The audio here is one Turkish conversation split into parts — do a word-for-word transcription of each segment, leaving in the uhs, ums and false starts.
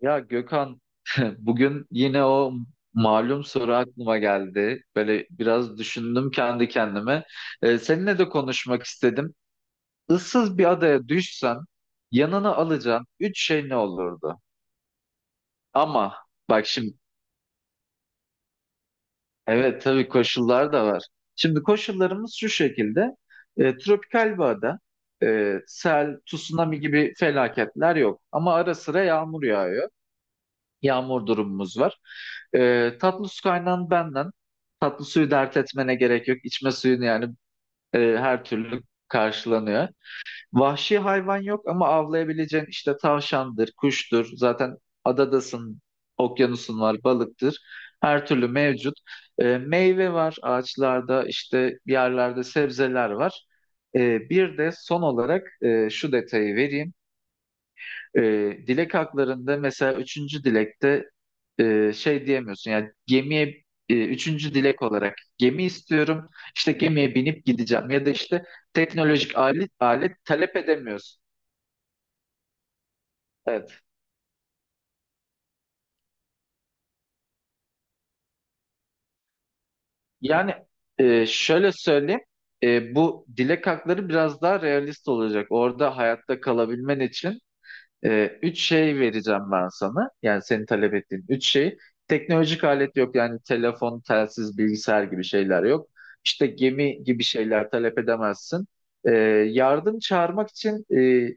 Ya Gökhan, bugün yine o malum soru aklıma geldi. Böyle biraz düşündüm kendi kendime. Ee, seninle de konuşmak istedim. Issız bir adaya düşsen yanına alacağın üç şey ne olurdu? Ama bak şimdi, evet, tabii koşullar da var. Şimdi koşullarımız şu şekilde. Ee, tropikal bir ada. Ee, sel, tsunami gibi felaketler yok. Ama ara sıra yağmur yağıyor. Yağmur durumumuz var. Ee, tatlı su kaynağın benden. Tatlı suyu dert etmene gerek yok. İçme suyun yani e, her türlü karşılanıyor. Vahşi hayvan yok ama avlayabileceğin işte tavşandır, kuştur. Zaten adadasın, okyanusun var, balıktır. Her türlü mevcut. Ee, meyve var ağaçlarda, işte yerlerde sebzeler var. Ee, bir de son olarak e, şu detayı vereyim. E, Dilek haklarında mesela üçüncü dilekte e, şey diyemiyorsun, yani gemiye e, üçüncü dilek olarak gemi istiyorum, işte gemiye binip gideceğim ya da işte teknolojik alet, alet talep edemiyorsun. Evet. Yani, e, şöyle söyleyeyim, e, bu dilek hakları biraz daha realist olacak. Orada hayatta kalabilmen için Ee, üç şey vereceğim ben sana. Yani senin talep ettiğin üç şey. Teknolojik alet yok, yani telefon, telsiz, bilgisayar gibi şeyler yok. İşte gemi gibi şeyler talep edemezsin. Ee, Yardım çağırmak için e,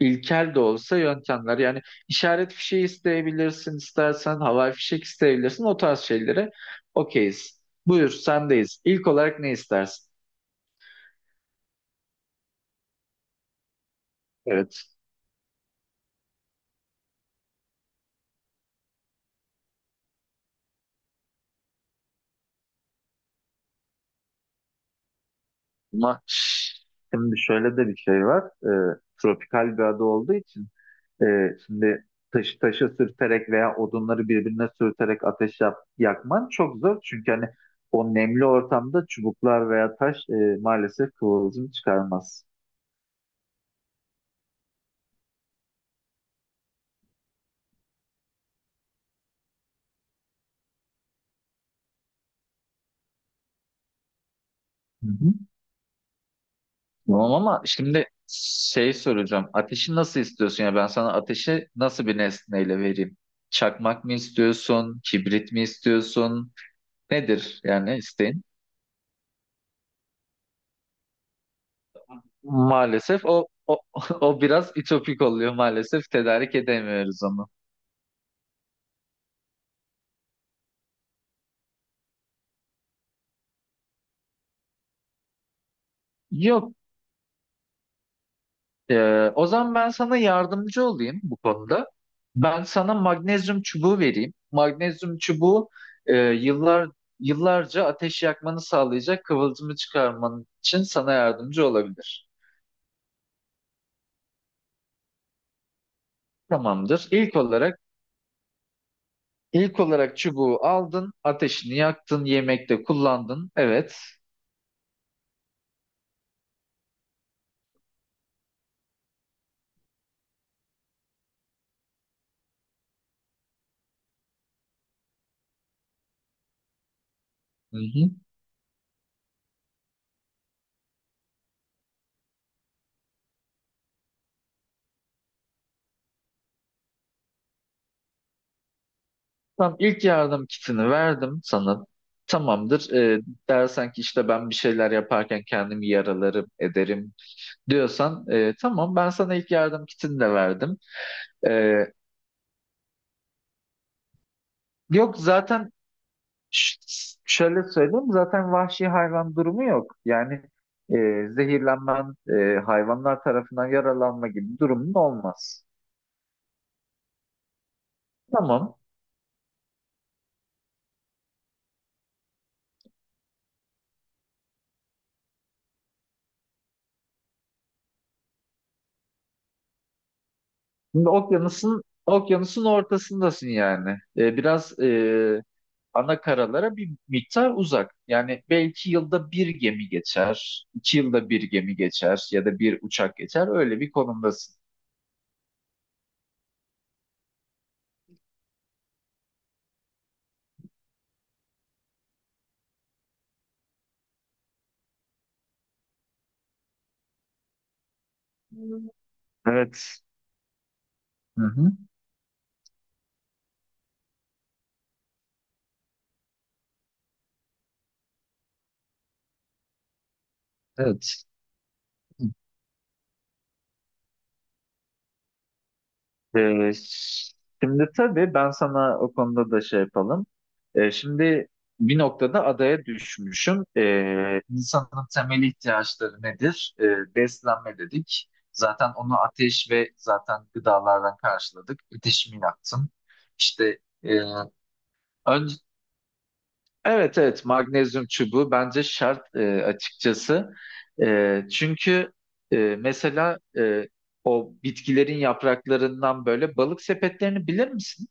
ilkel de olsa yöntemler. Yani işaret fişeği isteyebilirsin istersen, havai fişek isteyebilirsin. O tarz şeylere okeyiz. Buyur, sendeyiz. İlk olarak ne istersin? Evet. Ama şimdi şöyle de bir şey var. Ee, tropikal bir ada olduğu için Ee, şimdi taşı taşı sürterek veya odunları birbirine sürterek ateş yap- yakman çok zor. Çünkü hani o nemli ortamda çubuklar veya taş e, maalesef kıvılcım çıkarmaz. Hı hı. Tamam, ama şimdi şey soracağım. Ateşi nasıl istiyorsun? Ya ben sana ateşi nasıl bir nesneyle vereyim? Çakmak mı istiyorsun? Kibrit mi istiyorsun? Nedir yani isteğin? Maalesef o o, o biraz ütopik oluyor maalesef. Tedarik edemiyoruz onu. Yok. Ee, o zaman ben sana yardımcı olayım bu konuda. Ben sana magnezyum çubuğu vereyim. Magnezyum çubuğu e, yıllar yıllarca ateş yakmanı sağlayacak kıvılcımı çıkarman için sana yardımcı olabilir. Tamamdır. İlk olarak ilk olarak çubuğu aldın, ateşini yaktın, yemekte kullandın. Evet. Hı hı. Tamam, ilk yardım kitini verdim sana. Tamamdır. Ee, dersen ki işte ben bir şeyler yaparken kendimi yaralarım, ederim diyorsan, e, tamam, ben sana ilk yardım kitini de verdim. E, Yok zaten, ş- şöyle söyleyeyim, zaten vahşi hayvan durumu yok. Yani e, zehirlenmen, e, hayvanlar tarafından yaralanma gibi durumun olmaz. Tamam. Şimdi okyanusun okyanusun ortasındasın yani. E, biraz e, ana karalara bir miktar uzak. Yani belki yılda bir gemi geçer, iki yılda bir gemi geçer ya da bir uçak geçer. Öyle bir konumdasın. Evet. Hı hı. Evet. Ee, Şimdi tabii ben sana o konuda da şey yapalım. Ee, şimdi bir noktada adaya düşmüşüm. Ee, insanın temel ihtiyaçları nedir? Ee, beslenme dedik. Zaten onu ateş ve zaten gıdalardan karşıladık. Ateşimi yaktım. İşte. e, Evet, evet, magnezyum çubuğu bence şart, e, açıkçası. E, çünkü e, mesela e, o bitkilerin yapraklarından böyle balık sepetlerini bilir misin?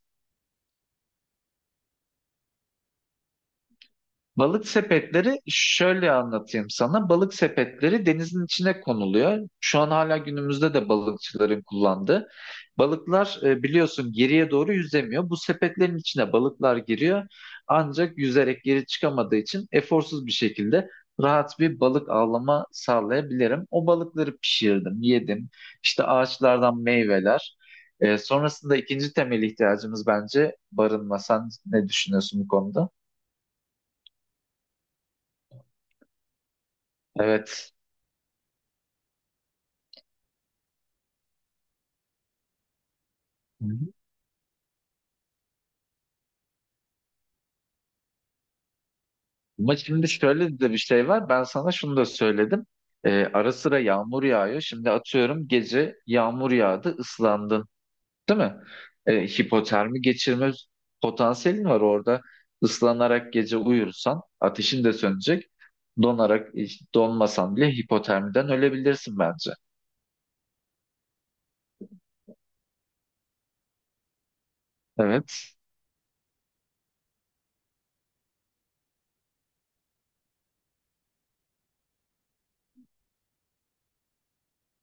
Balık sepetleri, şöyle anlatayım sana. Balık sepetleri denizin içine konuluyor. Şu an hala günümüzde de balıkçıların kullandığı. Balıklar e, biliyorsun geriye doğru yüzemiyor. Bu sepetlerin içine balıklar giriyor. Ancak yüzerek geri çıkamadığı için eforsuz bir şekilde rahat bir balık avlama sağlayabilirim. O balıkları pişirdim, yedim. İşte ağaçlardan meyveler. E, sonrasında ikinci temel ihtiyacımız bence barınma. Sen ne düşünüyorsun bu konuda? Evet. Ama şimdi şöyle de bir şey var. Ben sana şunu da söyledim. Ee, ara sıra yağmur yağıyor. Şimdi atıyorum, gece yağmur yağdı, ıslandın, değil mi? Ee, hipotermi geçirme potansiyelin var orada. Islanarak gece uyursan ateşin de sönecek. Donarak, donmasan bile hipotermiden ölebilirsin bence. Evet.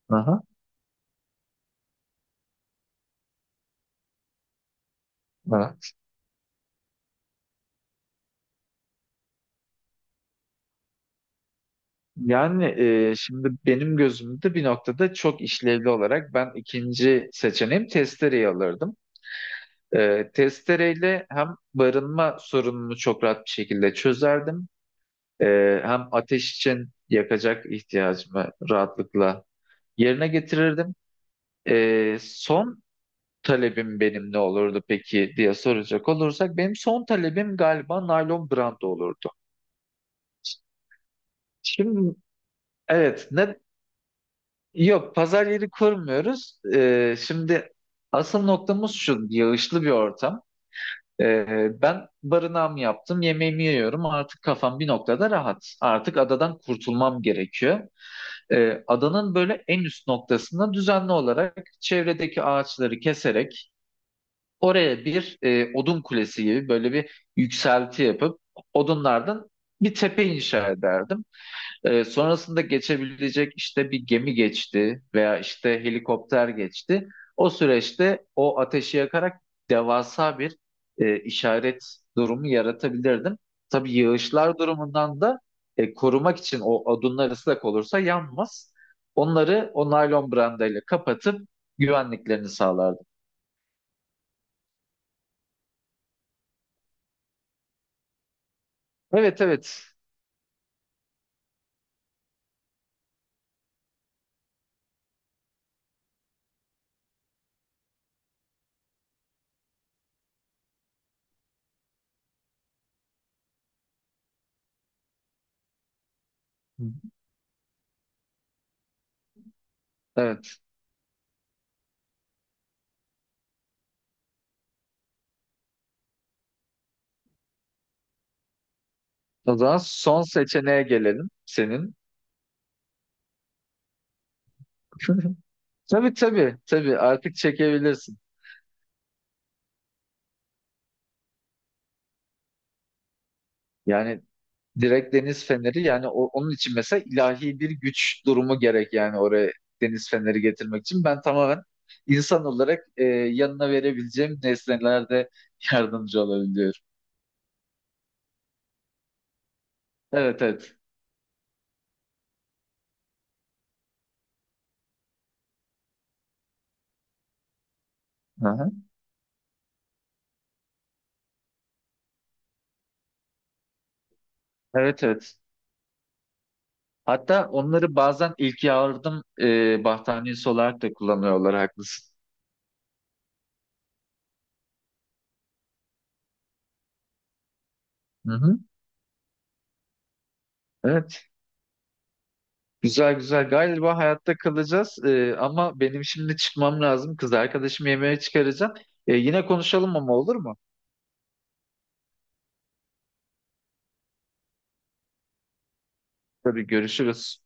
Aha, aha. Yani, e, şimdi benim gözümde bir noktada çok işlevli olarak ben ikinci seçeneğim testereyi alırdım. E, testereyle hem barınma sorununu çok rahat bir şekilde çözerdim. E, Hem ateş için yakacak ihtiyacımı rahatlıkla yerine getirirdim. E, son talebim benim ne olurdu peki diye soracak olursak, benim son talebim galiba naylon branda olurdu. Şimdi evet, ne, yok, pazar yeri kurmuyoruz. E, şimdi asıl noktamız şu: yağışlı bir ortam. Ee, ben barınağımı yaptım, yemeğimi yiyorum. Artık kafam bir noktada rahat. Artık adadan kurtulmam gerekiyor. Ee, adanın böyle en üst noktasında düzenli olarak çevredeki ağaçları keserek oraya bir e, odun kulesi gibi böyle bir yükselti yapıp odunlardan bir tepe inşa ederdim. Ee, sonrasında geçebilecek, işte bir gemi geçti veya işte helikopter geçti. O süreçte o ateşi yakarak devasa bir e, işaret durumu yaratabilirdim. Tabii yağışlar durumundan da e, korumak için, o odunlar ıslak olursa yanmaz. Onları o naylon brandayla kapatıp güvenliklerini sağlardım. Evet, evet. Evet. O zaman son seçeneğe gelelim senin. Tabii, tabii, tabii, artık çekebilirsin. Yani direkt deniz feneri, yani o- onun için mesela ilahi bir güç durumu gerek, yani oraya deniz feneri getirmek için. Ben tamamen insan olarak e, yanına verebileceğim nesnelerde yardımcı olabiliyorum. Evet, evet. Aha. Evet, evet. Hatta onları bazen ilk yardım e, battaniyesi olarak da kullanıyorlar, haklısın. Hı hı. Evet. Güzel, güzel. Galiba hayatta kalacağız. E, ama benim şimdi çıkmam lazım. Kız arkadaşımı yemeğe çıkaracağım. E, yine konuşalım ama, olur mu? Tabii, görüşürüz.